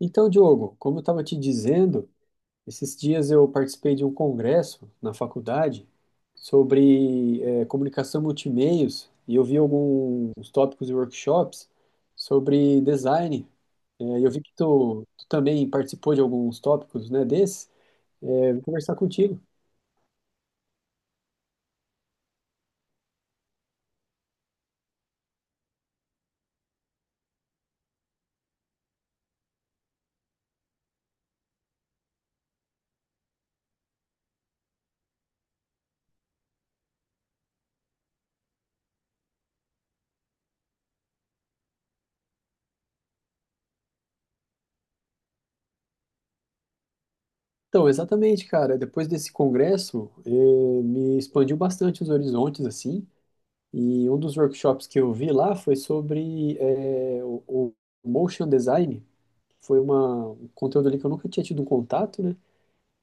Então, Diogo, como eu estava te dizendo, esses dias eu participei de um congresso na faculdade sobre comunicação multimeios e eu vi alguns tópicos e workshops sobre design. E eu vi que tu também participou de alguns tópicos, né, desses. Vou conversar contigo. Então, exatamente, cara. Depois desse congresso, me expandiu bastante os horizontes, assim. E um dos workshops que eu vi lá foi sobre o motion design foi um conteúdo ali que eu nunca tinha tido um contato, né?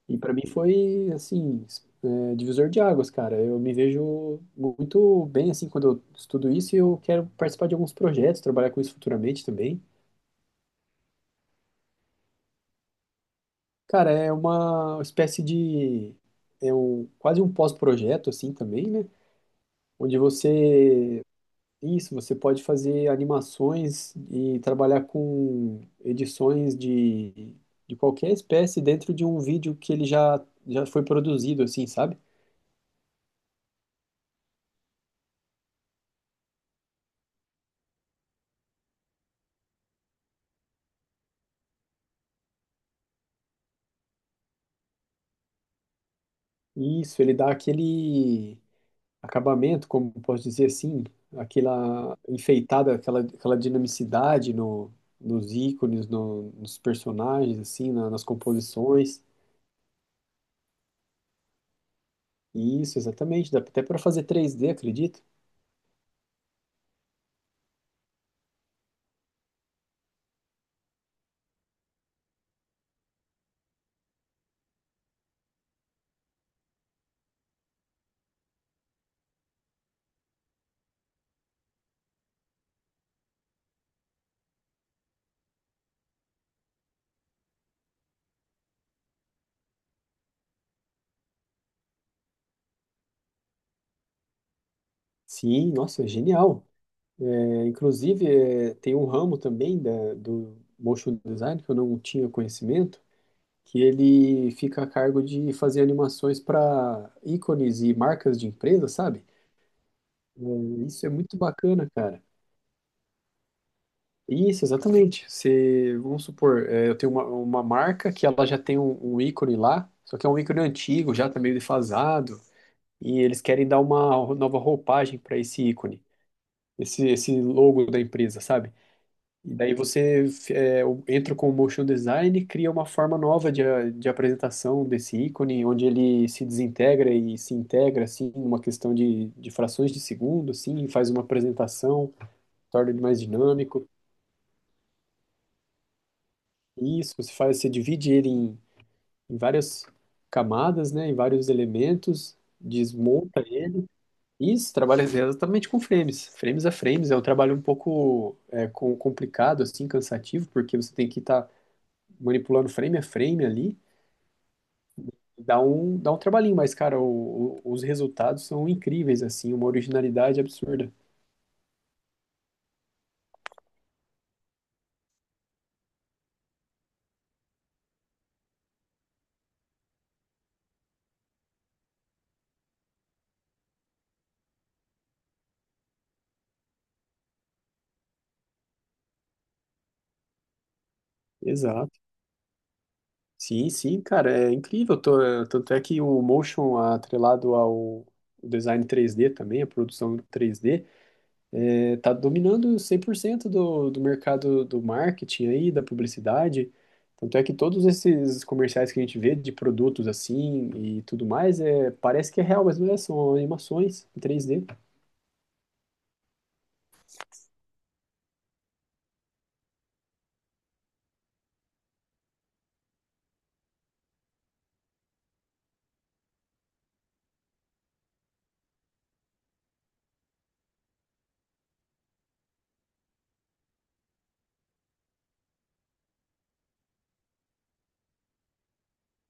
E para mim foi, assim, é, divisor de águas, cara. Eu me vejo muito bem, assim, quando eu estudo isso e eu quero participar de alguns projetos, trabalhar com isso futuramente também. Cara, é uma espécie de. É quase um pós-projeto, assim, também, né? Onde você Isso, você pode fazer animações e trabalhar com edições de qualquer espécie dentro de um vídeo que ele já foi produzido, assim, sabe? Isso, ele dá aquele acabamento, como posso dizer assim, aquela enfeitada, aquela dinamicidade nos ícones, nos personagens, assim, nas composições. Isso, exatamente, dá até para fazer 3D, acredito. Sim, nossa, é genial. É, inclusive, é, tem um ramo também do motion design que eu não tinha conhecimento, que ele fica a cargo de fazer animações para ícones e marcas de empresa, sabe? É, isso é muito bacana, cara. Isso, exatamente. Se, vamos supor, eu tenho uma marca que ela já tem um ícone lá, só que é um ícone antigo, já tá meio defasado, e eles querem dar uma nova roupagem para esse ícone, esse logo da empresa, sabe? E daí você entra com o motion design e cria uma forma nova de apresentação desse ícone, onde ele se desintegra e se integra, assim, numa questão de frações de segundo, assim, e faz uma apresentação, torna ele mais dinâmico. E isso, você faz, você divide ele em várias camadas, né, em vários elementos, desmonta. Isso, trabalha exatamente com frames, frames a frames. É um trabalho um pouco complicado, assim, cansativo, porque você tem que estar manipulando frame a frame ali. Dá um trabalhinho, mas, cara, o- os resultados são incríveis, assim, uma originalidade absurda. Exato. Sim, sim, cara, é incrível. Tanto é que o motion atrelado ao design 3D também, a produção 3D, tá dominando 100% do mercado do marketing aí, da publicidade. Tanto é que todos esses comerciais que a gente vê de produtos assim e tudo mais, parece que é real, mas não é, são animações em 3D.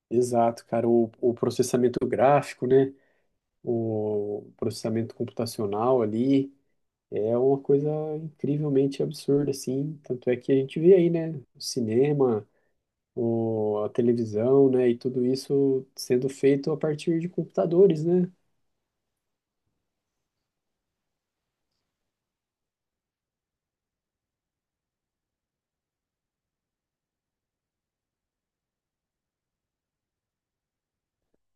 Exato, cara, o processamento gráfico, né? O processamento computacional ali é uma coisa incrivelmente absurda, assim. Tanto é que a gente vê aí, né? O cinema, a televisão, né? E tudo isso sendo feito a partir de computadores, né?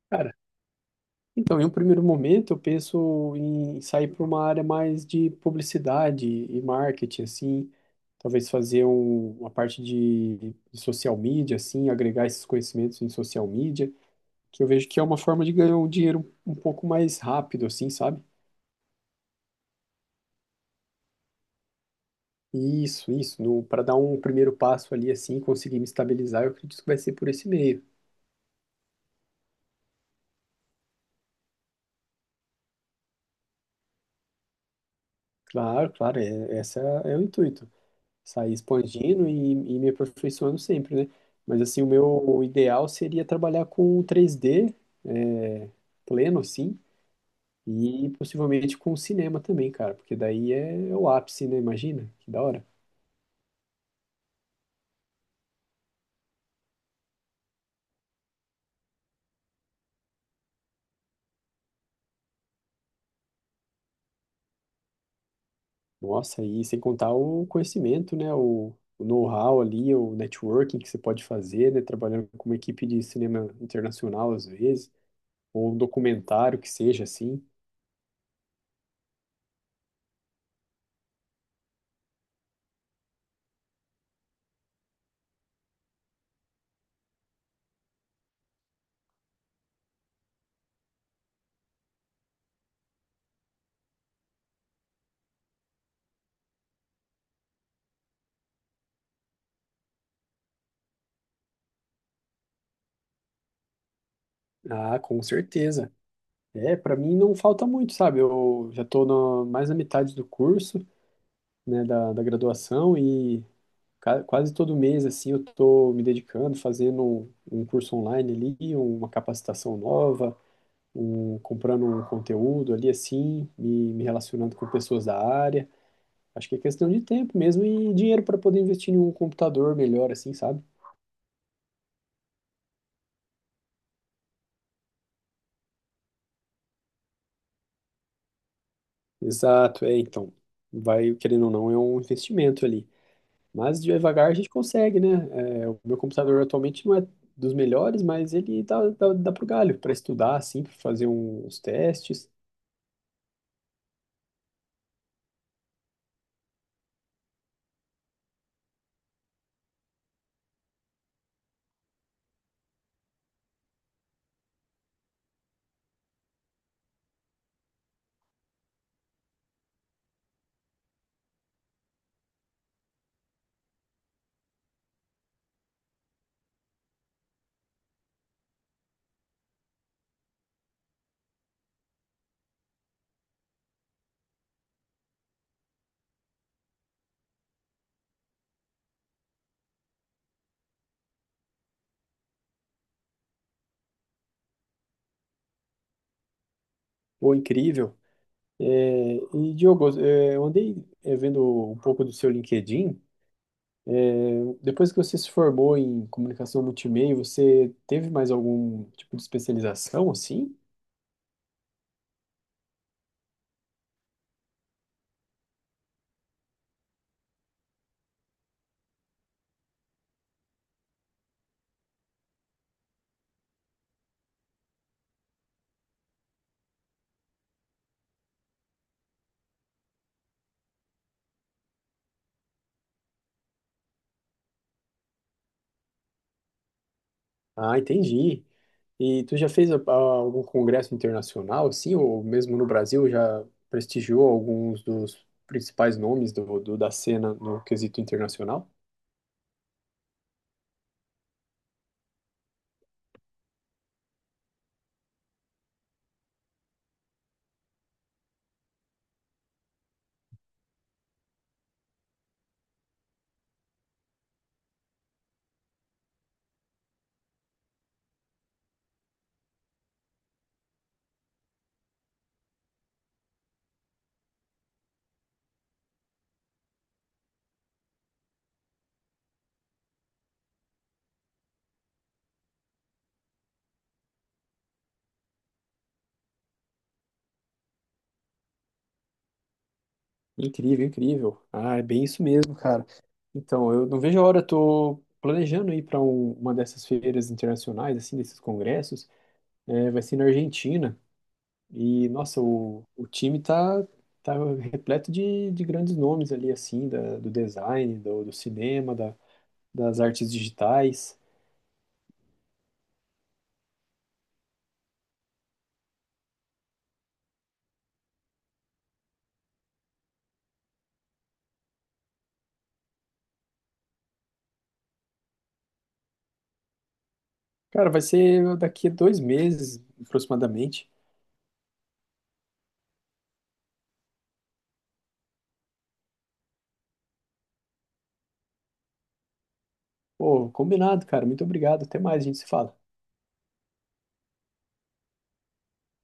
Cara, então, em um primeiro momento, eu penso em sair para uma área mais de publicidade e marketing, assim, talvez fazer uma parte de social media, assim, agregar esses conhecimentos em social media, que eu vejo que é uma forma de ganhar um dinheiro um pouco mais rápido, assim, sabe? Isso, para dar um primeiro passo ali, assim, conseguir me estabilizar, eu acredito que vai ser por esse meio. Claro, claro, é, esse é, é o intuito. Sair expandindo e me aperfeiçoando sempre, né? Mas assim, o meu ideal seria trabalhar com 3D, é, pleno, assim, e possivelmente com cinema também, cara, porque daí é o ápice, né? Imagina, que da hora. Nossa, e sem contar o conhecimento, né? O know-how ali, o networking que você pode fazer, né? Trabalhando com uma equipe de cinema internacional, às vezes, ou um documentário que seja assim. Ah, com certeza. É, para mim não falta muito, sabe? Eu já estou mais na metade do curso, né, da graduação e ca- quase todo mês, assim, eu estou me dedicando, fazendo um curso online ali, uma capacitação nova, comprando um conteúdo ali, assim, me relacionando com pessoas da área. Acho que é questão de tempo mesmo e dinheiro para poder investir em um computador melhor, assim, sabe? Exato, é, então, vai, querendo ou não, é um investimento ali. Mas devagar a gente consegue, né? É, o meu computador atualmente não é dos melhores, mas ele dá pro galho para estudar, assim, para fazer uns testes. Pô, incrível. É, e Diogo, eu andei vendo um pouco do seu LinkedIn. É, Depois que você se formou em comunicação multimeio, você teve mais algum tipo de especialização, assim? Ah, entendi. E tu já fez algum congresso internacional, assim, ou mesmo no Brasil já prestigiou alguns dos principais nomes da cena no quesito internacional? Incrível, incrível. Ah, é bem isso mesmo, cara. Então, eu não vejo a hora, tô planejando ir para uma dessas feiras internacionais, assim, desses congressos. É, vai ser na Argentina. E, nossa, o time tá repleto de grandes nomes ali, assim, do design, do cinema, das artes digitais. Cara, vai ser daqui a 2 meses, aproximadamente. Pô, combinado, cara. Muito obrigado. Até mais, a gente se fala.